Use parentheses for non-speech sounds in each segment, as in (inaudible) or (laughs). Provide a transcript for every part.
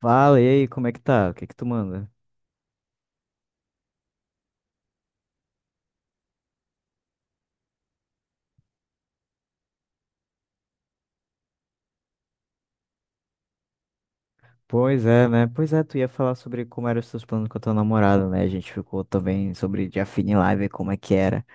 Fala, e aí, como é que tá? O que que tu manda? Pois é, né? Pois é, tu ia falar sobre como eram os teus planos com a tua namorada, né? A gente ficou também sobre de Afine Live, como é que era.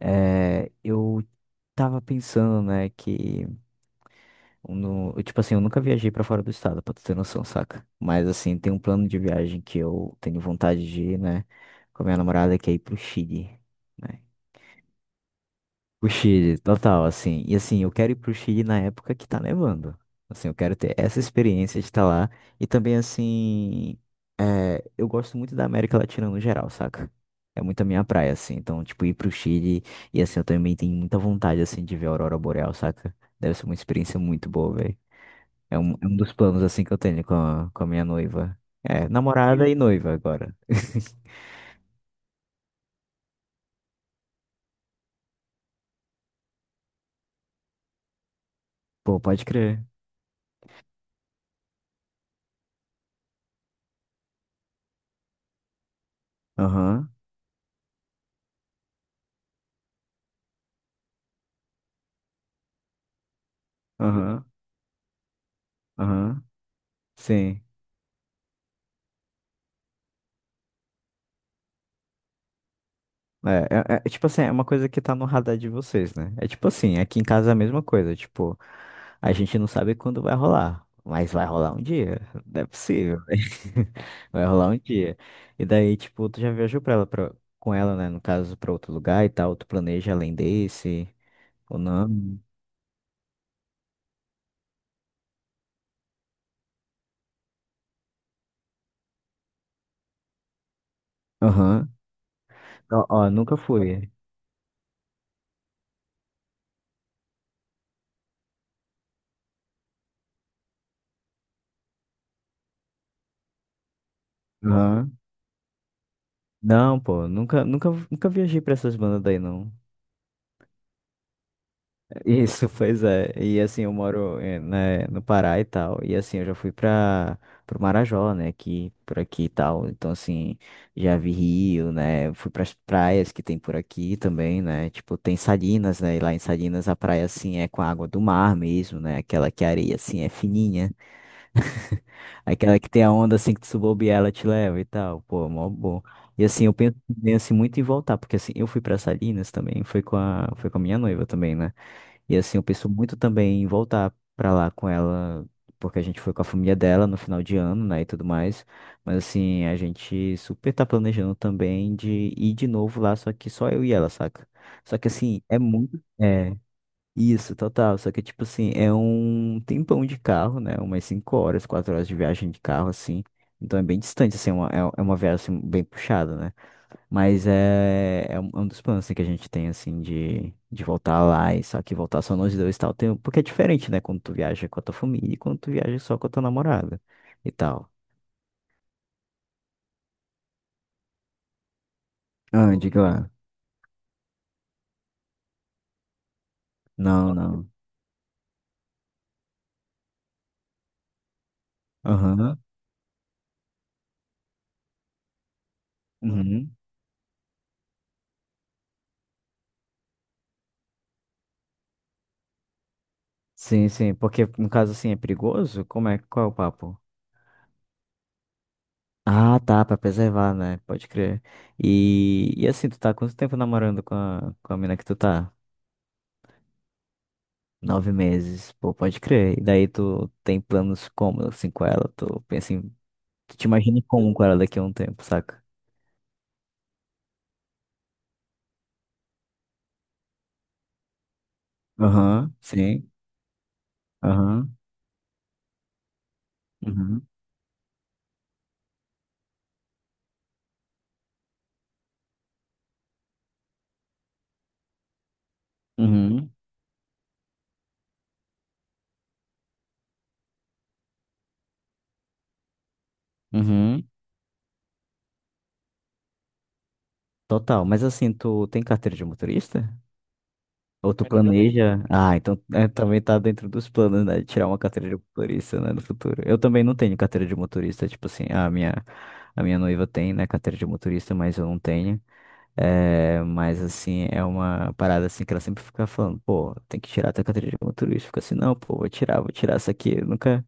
É, eu tava pensando, né, que... No, eu, tipo assim, eu nunca viajei pra fora do estado, pra tu ter noção, saca? Mas, assim, tem um plano de viagem que eu tenho vontade de ir, né? Com a minha namorada, que é ir pro Chile. Né? O Chile, total, assim. E assim, eu quero ir pro Chile na época que tá nevando. Assim, eu quero ter essa experiência de estar lá. E também, assim, é, eu gosto muito da América Latina no geral, saca? É muito a minha praia, assim. Então, tipo, ir pro Chile e assim, eu também tenho muita vontade, assim, de ver a Aurora Boreal, saca? Deve ser uma experiência muito boa, velho. É um dos planos, assim, que eu tenho com a minha noiva. É, namorada e noiva agora. (laughs) Pô, pode crer. Aham, aham, aham. Sim. É, é, tipo assim, é uma coisa que tá no radar de vocês, né? É tipo assim, aqui em casa é a mesma coisa, tipo, a gente não sabe quando vai rolar, mas vai rolar um dia, não é possível, né? (laughs) Vai rolar um dia. E daí, tipo, tu já viajou pra ela, com ela, né, no caso, pra outro lugar e tal, tu planeja além desse, ou não? Aham. Ó, ó, nunca fui. Aham. Não, pô, nunca, nunca, nunca viajei pra essas bandas daí, não. Isso, pois é. E assim, eu moro né, no Pará e tal. E assim, eu já fui para pro Marajó, né? Aqui, por aqui e tal. Então, assim, já vi rio, né? Fui para as praias que tem por aqui também, né? Tipo, tem Salinas, né? E lá em Salinas a praia, assim, é com a água do mar mesmo, né? Aquela que a areia, assim, é fininha. Aquela que tem a onda, assim, que tu subir ela te leva e tal. Pô, mó bom. E assim, eu penso, penso muito em voltar, porque assim, eu fui para Salinas também, foi com a minha noiva também, né? E assim, eu penso muito também em voltar pra lá com ela, porque a gente foi com a família dela no final de ano, né, e tudo mais. Mas assim, a gente super tá planejando também de ir de novo lá, só que só eu e ela, saca? Só que assim, é muito. É, isso, total. Só que tipo assim, é um tempão de carro, né? Umas 5 horas, 4 horas de viagem de carro, assim. Então é bem distante, assim, é uma, é uma viagem assim, bem puxada, né? Mas é, é um dos planos assim, que a gente tem, assim, de voltar lá e só que voltar só nós dois e tal. Tem, porque é diferente, né? Quando tu viaja com a tua família e quando tu viaja só com a tua namorada e tal. Ah, diga lá. Não, não. Aham. Uhum. Sim, sim. Porque no caso, assim, é perigoso? Como é? Qual é o papo? Ah, tá, pra preservar, né? Pode crer. E assim, tu tá há quanto tempo namorando com a mina que tu tá? 9 meses, pô, pode crer. E daí tu tem planos como, assim, com ela? Tu pensa em Tu te imagina como com ela daqui a um tempo, saca? Aham, sim. Aham, uhum, uhum, uhum. Total. Mas assim, tu tem carteira de motorista? Ou tu planeja? Ah, então é, também tá dentro dos planos, né? De tirar uma carteira de motorista, né? No futuro. Eu também não tenho carteira de motorista. Tipo assim, a minha noiva tem, né? Carteira de motorista, mas eu não tenho. É, mas assim, é uma parada assim que ela sempre fica falando, pô, tem que tirar a tua carteira de motorista. Fica assim, não, pô, vou tirar isso aqui. Eu nunca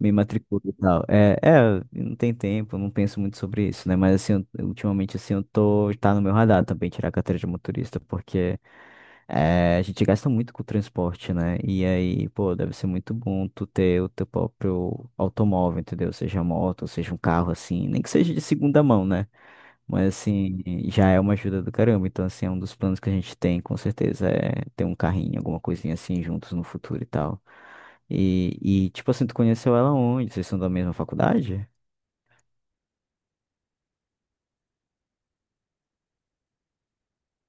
me matriculo e tal. É, é, não tem tempo, não penso muito sobre isso, né? Mas assim, eu- ultimamente assim, eu tô, tá no meu radar também tirar a carteira de motorista, porque. É, a gente gasta muito com o transporte, né? E aí, pô, deve ser muito bom tu ter o teu próprio automóvel, entendeu? Seja moto, seja um carro, assim, nem que seja de segunda mão, né? Mas assim, já é uma ajuda do caramba. Então, assim, é um dos planos que a gente tem, com certeza, é ter um carrinho, alguma coisinha assim juntos no futuro e tal. E, e tipo assim, tu conheceu ela onde? Vocês são da mesma faculdade?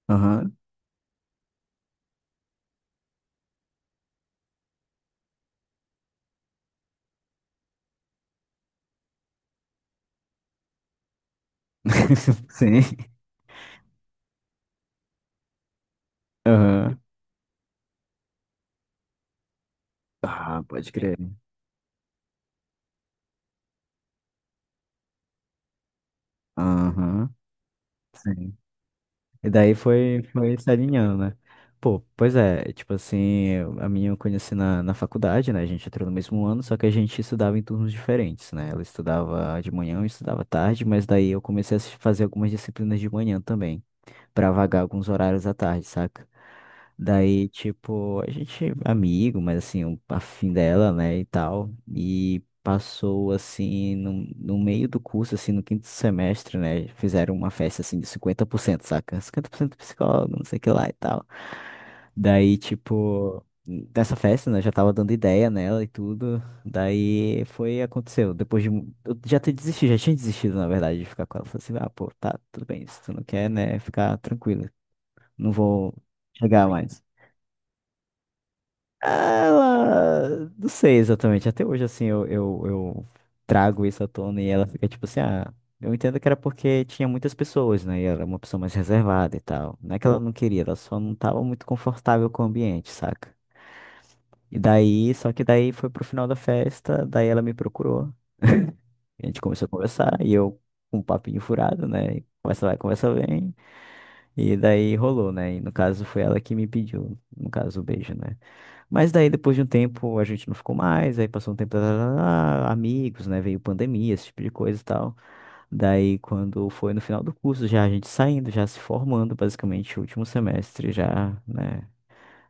Aham. (laughs) Sim. Aham. Ah, pode crer. Aham. Sim. E daí foi, foi se alinhando, né? Pô, pois é, tipo assim, eu- a minha eu conheci na faculdade, né? A gente entrou no mesmo ano, só que a gente estudava em turnos diferentes, né? Ela estudava de manhã, eu estudava tarde, mas daí eu comecei a fazer algumas disciplinas de manhã também pra vagar alguns horários à tarde, saca? Daí, tipo, a gente é amigo, mas assim, um afim dela, né, e tal. E passou, assim, no meio do curso, assim, no quinto semestre, né? Fizeram uma festa, assim, de 50%, saca? 50% psicólogo, não sei o que lá e tal. Daí, tipo, nessa festa, né, eu já tava dando ideia nela e tudo. Daí foi, aconteceu. Depois de. Eu já tinha desistido, na verdade, de ficar com ela. Falei assim, ah, pô, tá, tudo bem, se tu não quer, né, ficar tranquilo. Não vou chegar mais. Ela, não sei exatamente. Até hoje, assim, eu trago isso à tona e ela fica tipo assim, ah, eu entendo que era porque tinha muitas pessoas, né? E ela era uma pessoa mais reservada e tal. Não é que ela não queria, ela só não tava muito confortável com o ambiente, saca? E daí, só que daí foi pro final da festa, daí ela me procurou. (laughs) A gente começou a conversar e eu, com um papinho furado, né? Conversa vai, conversa vem. E daí rolou, né? E no caso foi ela que me pediu, no caso, o beijo, né? Mas daí depois de um tempo a gente não ficou mais, aí passou um tempo, tarará, amigos, né? Veio pandemia, esse tipo de coisa e tal. Daí quando foi no final do curso, já a gente saindo, já se formando, basicamente, último semestre, já, né?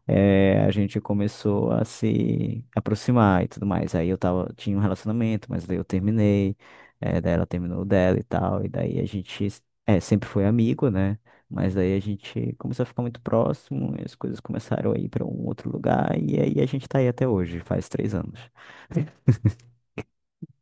A gente começou a se aproximar e tudo mais. Aí eu tava, tinha um relacionamento, mas daí eu terminei, daí ela terminou o dela e tal, e daí a gente, sempre foi amigo, né? Mas daí a gente começou a ficar muito próximo, e as coisas começaram a ir para um outro lugar, e aí a gente tá aí até hoje, faz 3 anos.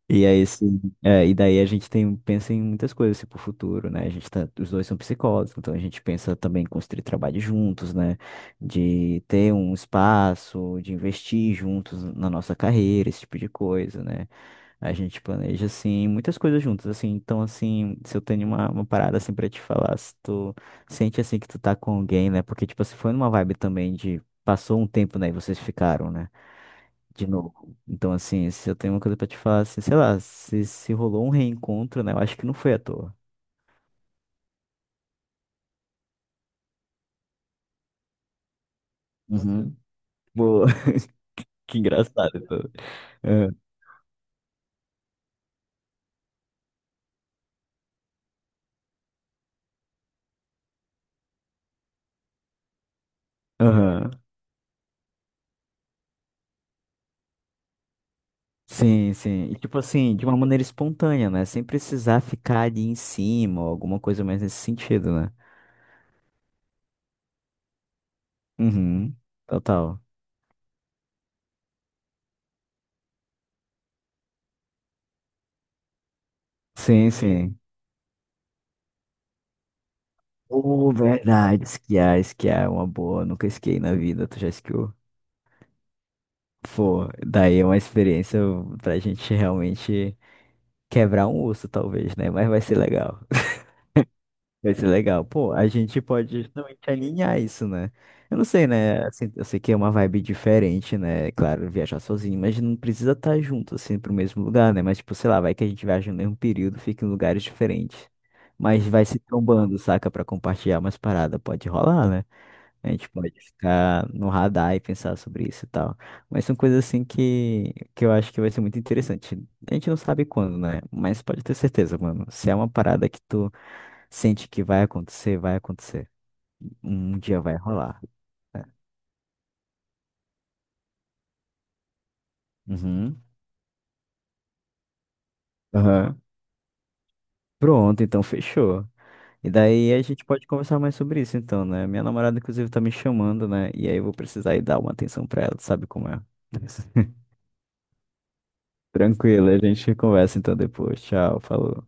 E aí, assim, é, e daí a gente tem, pensa em muitas coisas assim, pro futuro, né? A gente tá, os dois são psicólogos, então a gente pensa também em construir trabalho juntos, né? De ter um espaço, de investir juntos na nossa carreira, esse tipo de coisa, né? A gente planeja, assim, muitas coisas juntos, assim. Então, assim, se eu tenho uma parada, assim, pra te falar, se tu sente, assim, que tu tá com alguém, né? Porque, tipo, se foi numa vibe também de passou um tempo, né? E vocês ficaram, né? De novo. Então, assim, se eu tenho uma coisa pra te falar, assim, sei lá, se rolou um reencontro, né? Eu acho que não foi à toa. Uhum. Pô, (laughs) que engraçado. Pô. É, aham. Sim, sim. E tipo assim, de uma maneira espontânea, né? Sem precisar ficar ali em cima ou alguma coisa mais nesse sentido, né? Uhum. Total. Sim, sim. Oh, verdade, esquiar, esquiar é uma boa. Nunca esquiei na vida, tu já esquiou? Pô, daí é uma experiência pra gente realmente. Quebrar um osso, talvez, né? Mas vai ser legal. (laughs) Vai ser legal. Pô, a gente pode justamente alinhar isso, né? Eu não sei, né? Assim, eu sei que é uma vibe diferente, né? Claro, viajar sozinho, mas não precisa estar junto, assim, pro mesmo lugar, né? Mas, tipo, sei lá, vai que a gente viaja no mesmo período, fica em lugares diferentes. Mas vai se trombando, saca? Pra compartilhar umas paradas. Pode rolar, né? A gente pode ficar no radar e pensar sobre isso e tal. Mas são coisas assim que eu acho que vai ser muito interessante. A gente não sabe quando, né? Mas pode ter certeza, mano. Se é uma parada que tu sente que vai acontecer, vai acontecer. Um dia vai rolar. Né? Uhum. Aham. Pronto, então fechou. E daí a gente pode conversar mais sobre isso, então, né? Minha namorada, inclusive, tá me chamando, né? E aí eu vou precisar ir dar uma atenção pra ela, tu sabe como é? (laughs) Tranquilo, a gente conversa então depois. Tchau, falou.